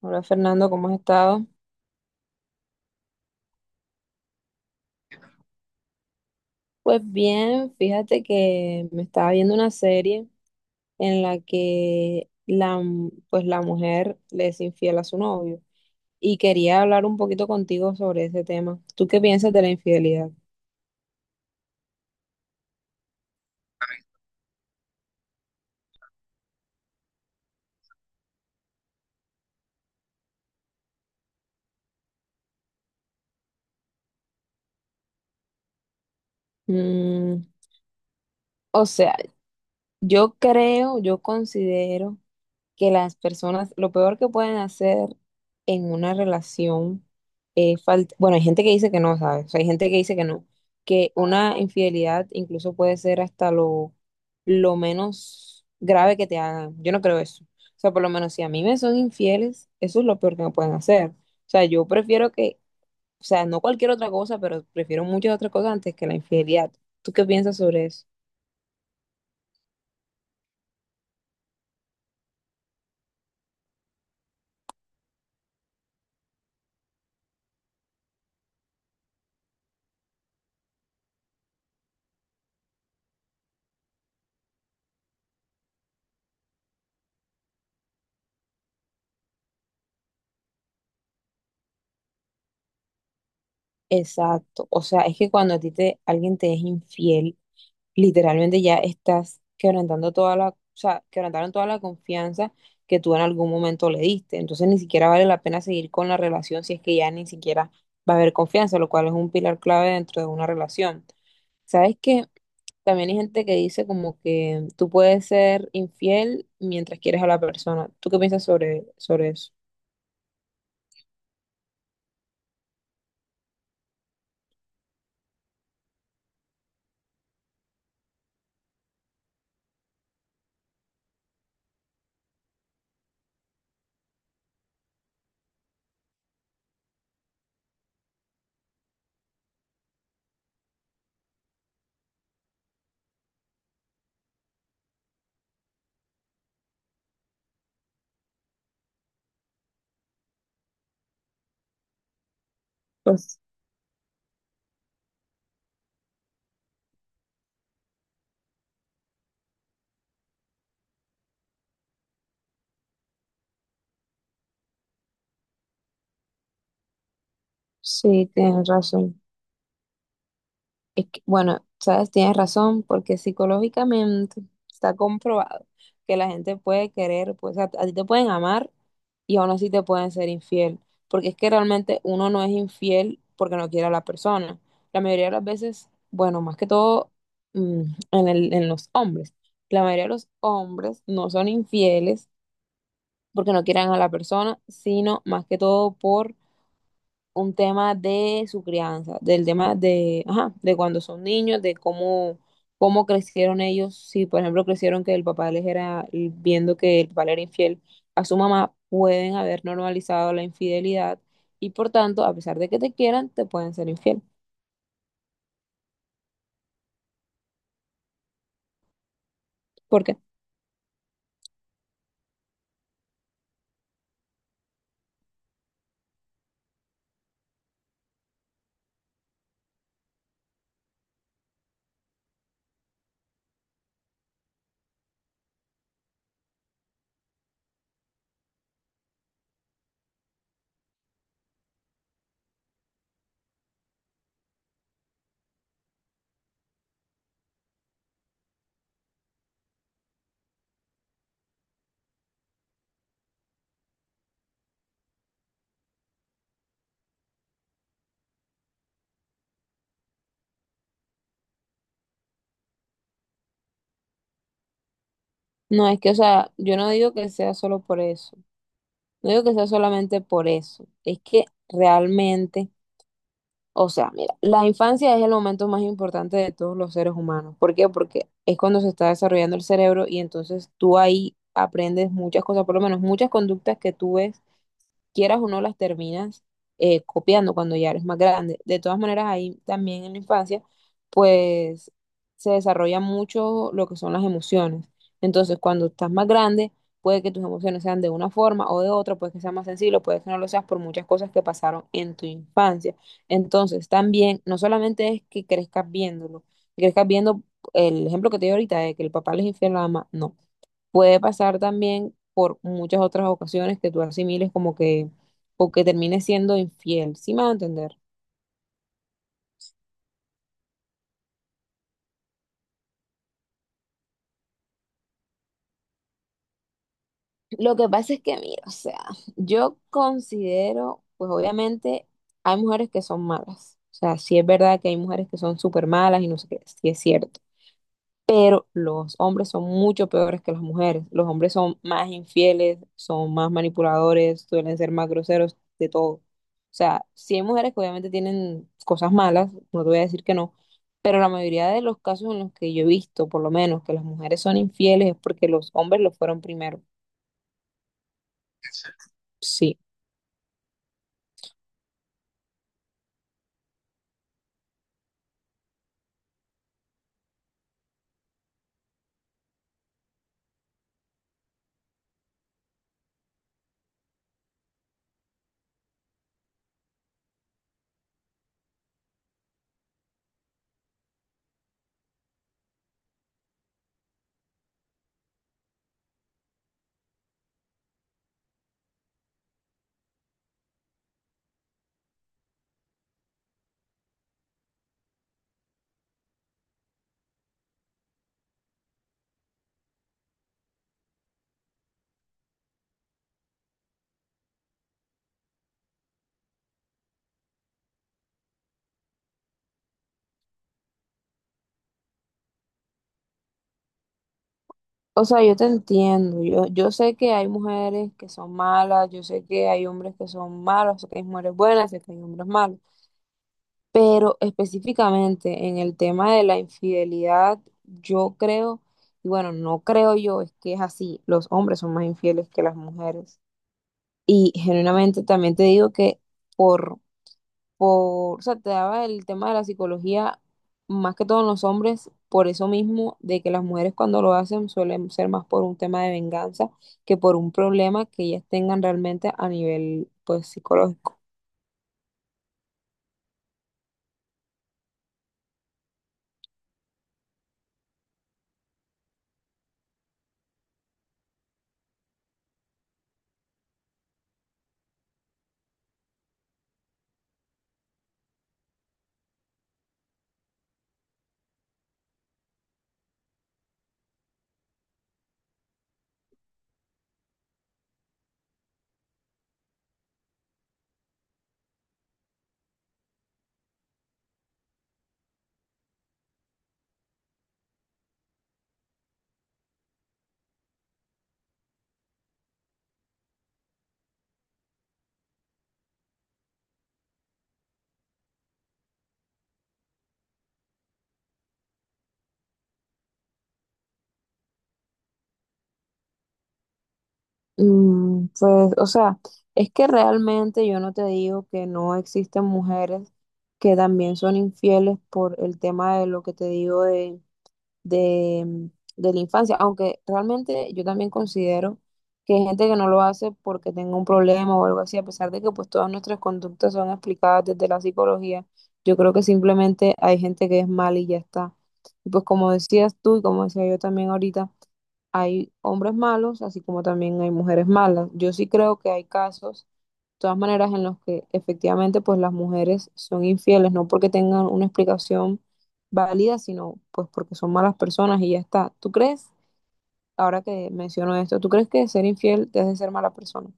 Hola, Fernando, ¿cómo has estado? Pues bien, fíjate que me estaba viendo una serie en la que pues la mujer le es infiel a su novio, y quería hablar un poquito contigo sobre ese tema. ¿Tú qué piensas de la infidelidad? Mm, o sea, yo creo, yo considero que las personas, lo peor que pueden hacer en una relación es falta, bueno, hay gente que dice que no, ¿sabes? O sea, hay gente que dice que no, que una infidelidad incluso puede ser hasta lo menos grave que te hagan. Yo no creo eso. O sea, por lo menos si a mí me son infieles, eso es lo peor que me pueden hacer. O sea, yo prefiero que, o sea, no cualquier otra cosa, pero prefiero muchas otras cosas antes que la infidelidad. ¿Tú qué piensas sobre eso? Exacto. O sea, es que cuando a ti alguien te es infiel, literalmente ya estás quebrantando toda la, o sea, quebrantaron toda la confianza que tú en algún momento le diste. Entonces, ni siquiera vale la pena seguir con la relación si es que ya ni siquiera va a haber confianza, lo cual es un pilar clave dentro de una relación. ¿Sabes que también hay gente que dice como que tú puedes ser infiel mientras quieres a la persona? ¿Tú qué piensas sobre eso? Pues sí, tienes razón. Es que, bueno, sabes, tienes razón, porque psicológicamente está comprobado que la gente puede querer, pues a ti te pueden amar y aún así te pueden ser infiel, porque es que realmente uno no es infiel porque no quiere a la persona. La mayoría de las veces, bueno, más que todo, mm, en los hombres, la mayoría de los hombres no son infieles porque no quieran a la persona, sino más que todo por un tema de su crianza, del tema de, ajá, de cuando son niños, de cómo crecieron ellos. Si, por ejemplo, crecieron que el papá les era, viendo que el papá le era infiel a su mamá, pueden haber normalizado la infidelidad y, por tanto, a pesar de que te quieran, te pueden ser infiel. Porque no es que, o sea, yo no digo que sea solo por eso, no digo que sea solamente por eso, es que realmente... O sea, mira, la infancia es el momento más importante de todos los seres humanos. ¿Por qué? Porque es cuando se está desarrollando el cerebro, y entonces tú ahí aprendes muchas cosas, por lo menos muchas conductas que tú ves, quieras o no, las terminas copiando cuando ya eres más grande. De todas maneras, ahí también en la infancia, pues, se desarrolla mucho lo que son las emociones. Entonces, cuando estás más grande, puede que tus emociones sean de una forma o de otra, puede que seas más sensible, puede que no lo seas por muchas cosas que pasaron en tu infancia. Entonces, también, no solamente es que crezcas viéndolo, que crezcas viendo el ejemplo que te di ahorita de que el papá les infiel a la mamá, no. Puede pasar también por muchas otras ocasiones que tú asimiles como que, o que termines siendo infiel, ¿sí me va a entender? Lo que pasa es que, mira, o sea, yo considero, pues obviamente hay mujeres que son malas, o sea, sí es verdad que hay mujeres que son súper malas y no sé qué, sí es cierto. Pero los hombres son mucho peores que las mujeres. Los hombres son más infieles, son más manipuladores, suelen ser más groseros, de todo. O sea, sí hay mujeres que obviamente tienen cosas malas, no te voy a decir que no, pero la mayoría de los casos en los que yo he visto, por lo menos, que las mujeres son infieles es porque los hombres lo fueron primero. Sí. O sea, yo te entiendo, yo sé que hay mujeres que son malas, yo sé que hay hombres que son malos, sé que hay mujeres buenas, sé que hay hombres malos. Pero específicamente en el tema de la infidelidad, yo creo, y bueno, no creo yo, es que es así, los hombres son más infieles que las mujeres. Y genuinamente también te digo que por, o sea, te daba el tema de la psicología, más que todo en los hombres, por eso mismo, de que las mujeres cuando lo hacen suelen ser más por un tema de venganza que por un problema que ellas tengan realmente a nivel, pues, psicológico. Mm, pues, o sea, es que realmente yo no te digo que no existen mujeres que también son infieles por el tema de lo que te digo de, mm, de la infancia, aunque realmente yo también considero que hay gente que no lo hace porque tenga un problema o algo así, a pesar de que, pues, todas nuestras conductas son explicadas desde la psicología, yo creo que simplemente hay gente que es mal y ya está. Y, pues, como decías tú y como decía yo también ahorita, hay hombres malos, así como también hay mujeres malas. Yo sí creo que hay casos, de todas maneras, en los que efectivamente pues las mujeres son infieles, no porque tengan una explicación válida, sino pues porque son malas personas y ya está. ¿Tú crees, ahora que menciono esto, tú crees que ser infiel te hace ser mala persona?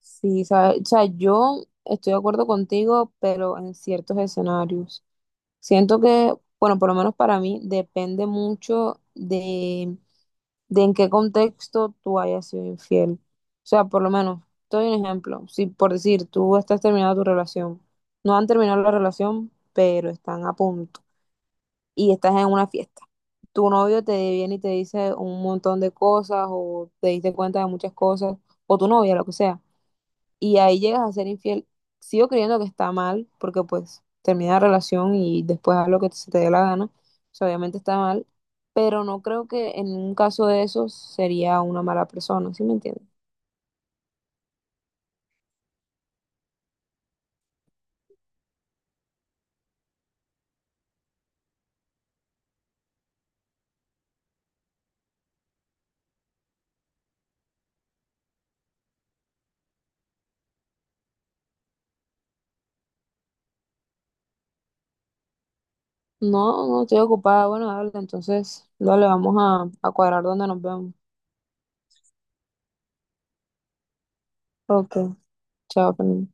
Sí, o sea, yo estoy de acuerdo contigo, pero en ciertos escenarios. Siento que, bueno, por lo menos para mí, depende mucho de en qué contexto tú hayas sido infiel. O sea, por lo menos, te doy un ejemplo. Si por decir, tú estás terminando tu relación, no han terminado la relación, pero están a punto y estás en una fiesta. Tu novio te viene y te dice un montón de cosas o te diste cuenta de muchas cosas, o tu novia, lo que sea, y ahí llegas a ser infiel, sigo creyendo que está mal, porque pues termina la relación y después haz lo que se te dé la gana, o sea, obviamente está mal, pero no creo que en un caso de esos sería una mala persona. ¿Sí me entiendes? No, no estoy ocupada, bueno, dale, entonces, dale, vamos a cuadrar donde nos vemos. Ok, chao, Fernanda.